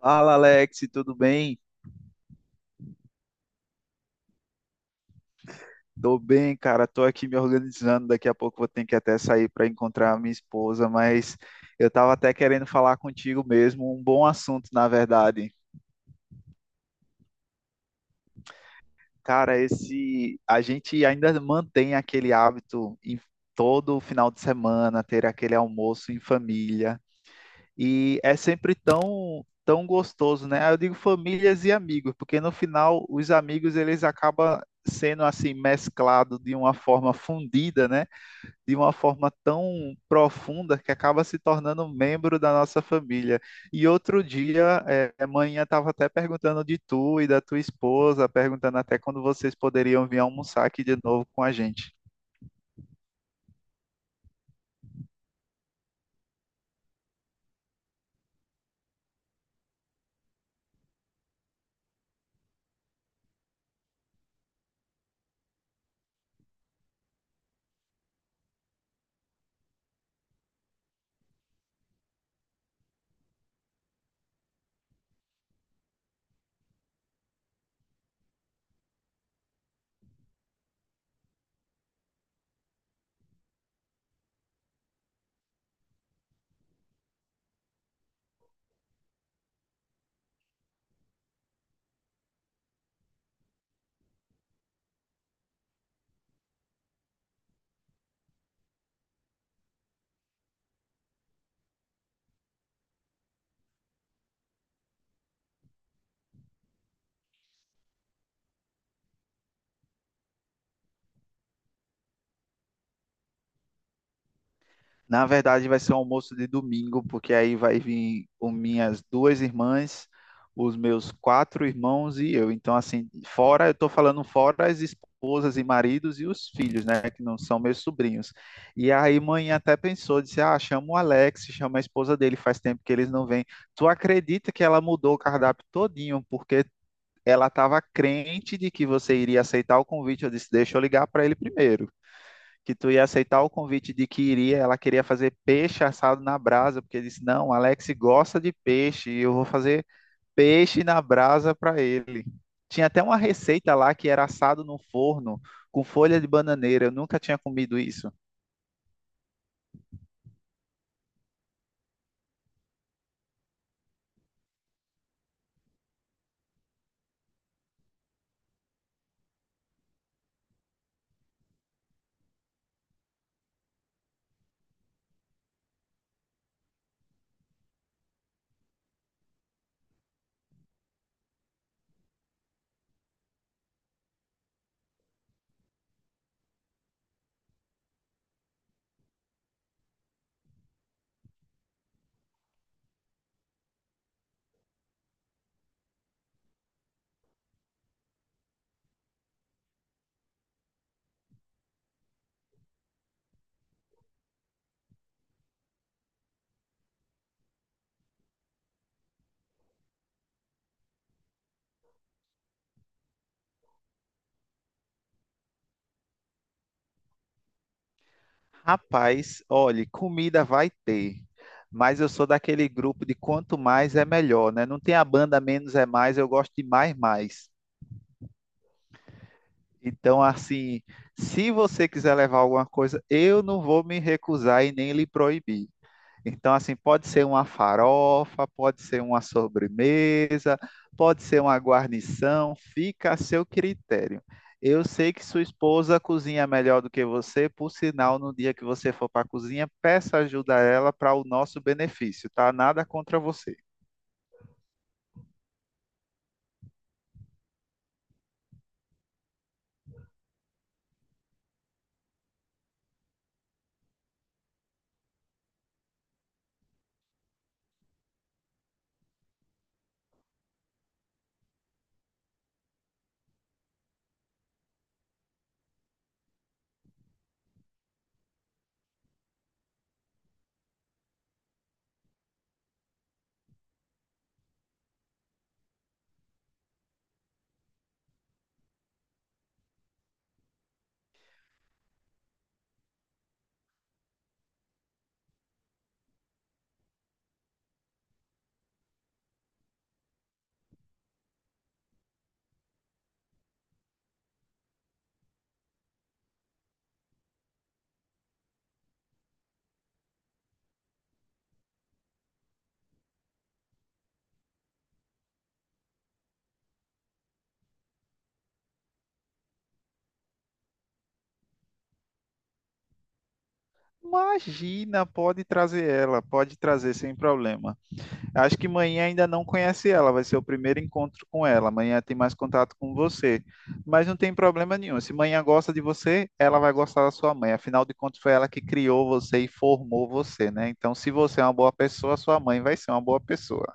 Fala, Alex, tudo bem? Tô bem, cara. Tô aqui me organizando. Daqui a pouco vou ter que até sair para encontrar a minha esposa, mas eu tava até querendo falar contigo mesmo, um bom assunto, na verdade. Cara, esse a gente ainda mantém aquele hábito em todo final de semana ter aquele almoço em família e é sempre tão gostoso, né? Eu digo famílias e amigos, porque no final os amigos eles acabam sendo assim mesclado de uma forma fundida, né? De uma forma tão profunda que acaba se tornando membro da nossa família. E outro dia, a manhã estava até perguntando de tu e da tua esposa, perguntando até quando vocês poderiam vir almoçar aqui de novo com a gente. Na verdade, vai ser um almoço de domingo, porque aí vai vir com minhas duas irmãs, os meus quatro irmãos e eu. Então, assim, fora, eu estou falando fora as esposas e maridos e os filhos, né, que não são meus sobrinhos. E aí, mãe até pensou, disse: ah, chama o Alex, chama a esposa dele, faz tempo que eles não vêm. Tu acredita que ela mudou o cardápio todinho, porque ela estava crente de que você iria aceitar o convite? Eu disse: deixa eu ligar para ele primeiro que tu ia aceitar o convite de que iria, ela queria fazer peixe assado na brasa, porque disse, não, Alex gosta de peixe, e eu vou fazer peixe na brasa para ele. Tinha até uma receita lá que era assado no forno com folha de bananeira, eu nunca tinha comido isso. Rapaz, olhe, comida vai ter, mas eu sou daquele grupo de quanto mais é melhor, né? Não tem a banda menos é mais, eu gosto de mais mais. Então, assim, se você quiser levar alguma coisa, eu não vou me recusar e nem lhe proibir. Então, assim, pode ser uma farofa, pode ser uma sobremesa, pode ser uma guarnição, fica a seu critério. Eu sei que sua esposa cozinha melhor do que você, por sinal, no dia que você for para a cozinha, peça ajuda a ela para o nosso benefício, tá? Nada contra você. Imagina, pode trazer ela, pode trazer sem problema. Acho que manhã ainda não conhece ela, vai ser o primeiro encontro com ela. Amanhã tem mais contato com você. Mas não tem problema nenhum. Se manhã gosta de você, ela vai gostar da sua mãe. Afinal de contas, foi ela que criou você e formou você, né? Então, se você é uma boa pessoa, sua mãe vai ser uma boa pessoa.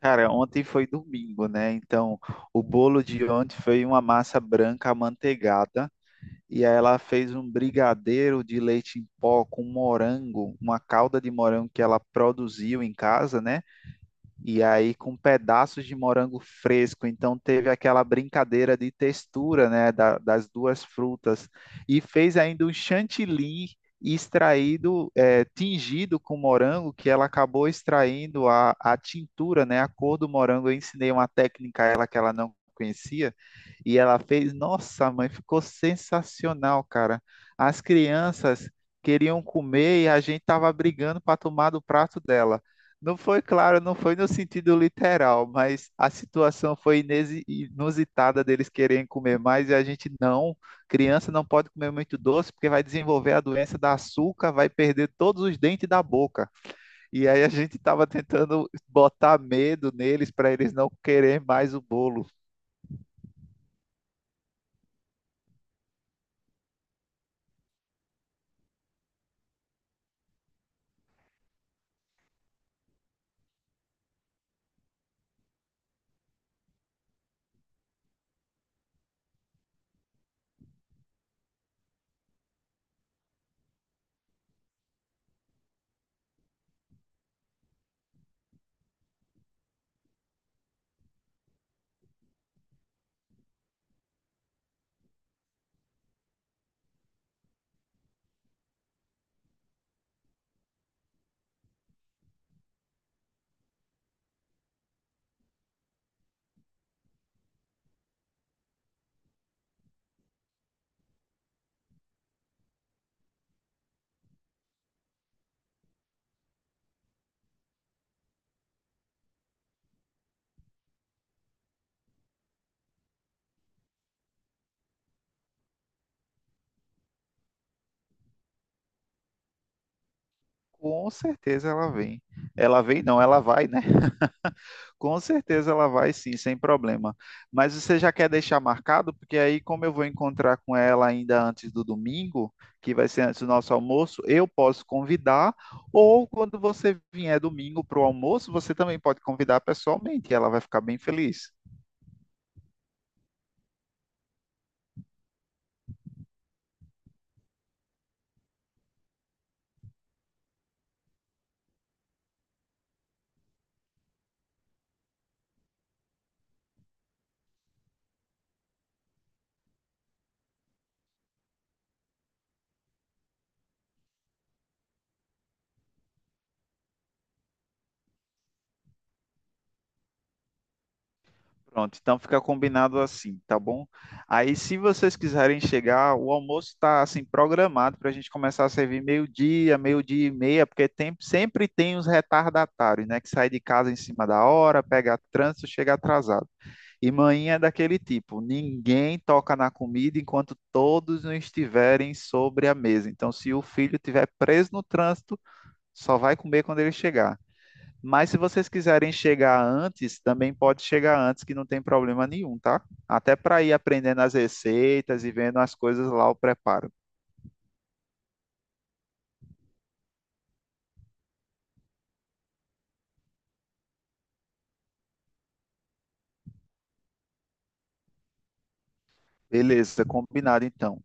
Cara, ontem foi domingo, né? Então, o bolo de ontem foi uma massa branca amanteigada. E aí ela fez um brigadeiro de leite em pó com morango, uma calda de morango que ela produziu em casa, né? E aí com pedaços de morango fresco. Então teve aquela brincadeira de textura, né, das duas frutas. E fez ainda um chantilly extraído, tingido com morango, que ela acabou extraindo a tintura, né, a cor do morango. Eu ensinei uma técnica a ela que ela não conhecia e ela fez, nossa, mãe, ficou sensacional, cara. As crianças queriam comer e a gente tava brigando para tomar do prato dela. Não foi claro, não foi no sentido literal, mas a situação foi inusitada deles quererem comer mais e a gente não. Criança não pode comer muito doce porque vai desenvolver a doença da açúcar, vai perder todos os dentes da boca. E aí a gente estava tentando botar medo neles para eles não quererem mais o bolo. Com certeza ela vem. Ela vem, não, ela vai, né? Com certeza ela vai sim, sem problema. Mas você já quer deixar marcado? Porque aí, como eu vou encontrar com ela ainda antes do domingo, que vai ser antes do nosso almoço, eu posso convidar. Ou quando você vier domingo para o almoço, você também pode convidar pessoalmente. Ela vai ficar bem feliz. Pronto, então fica combinado assim, tá bom? Aí, se vocês quiserem chegar, o almoço está assim programado para a gente começar a servir meio-dia, meio-dia e meia, porque tem, sempre tem os retardatários, né? Que sai de casa em cima da hora, pega trânsito, chega atrasado. E manhã é daquele tipo, ninguém toca na comida enquanto todos não estiverem sobre a mesa. Então, se o filho estiver preso no trânsito, só vai comer quando ele chegar. Mas se vocês quiserem chegar antes, também pode chegar antes, que não tem problema nenhum, tá? Até para ir aprendendo as receitas e vendo as coisas lá, o preparo. Beleza, combinado então.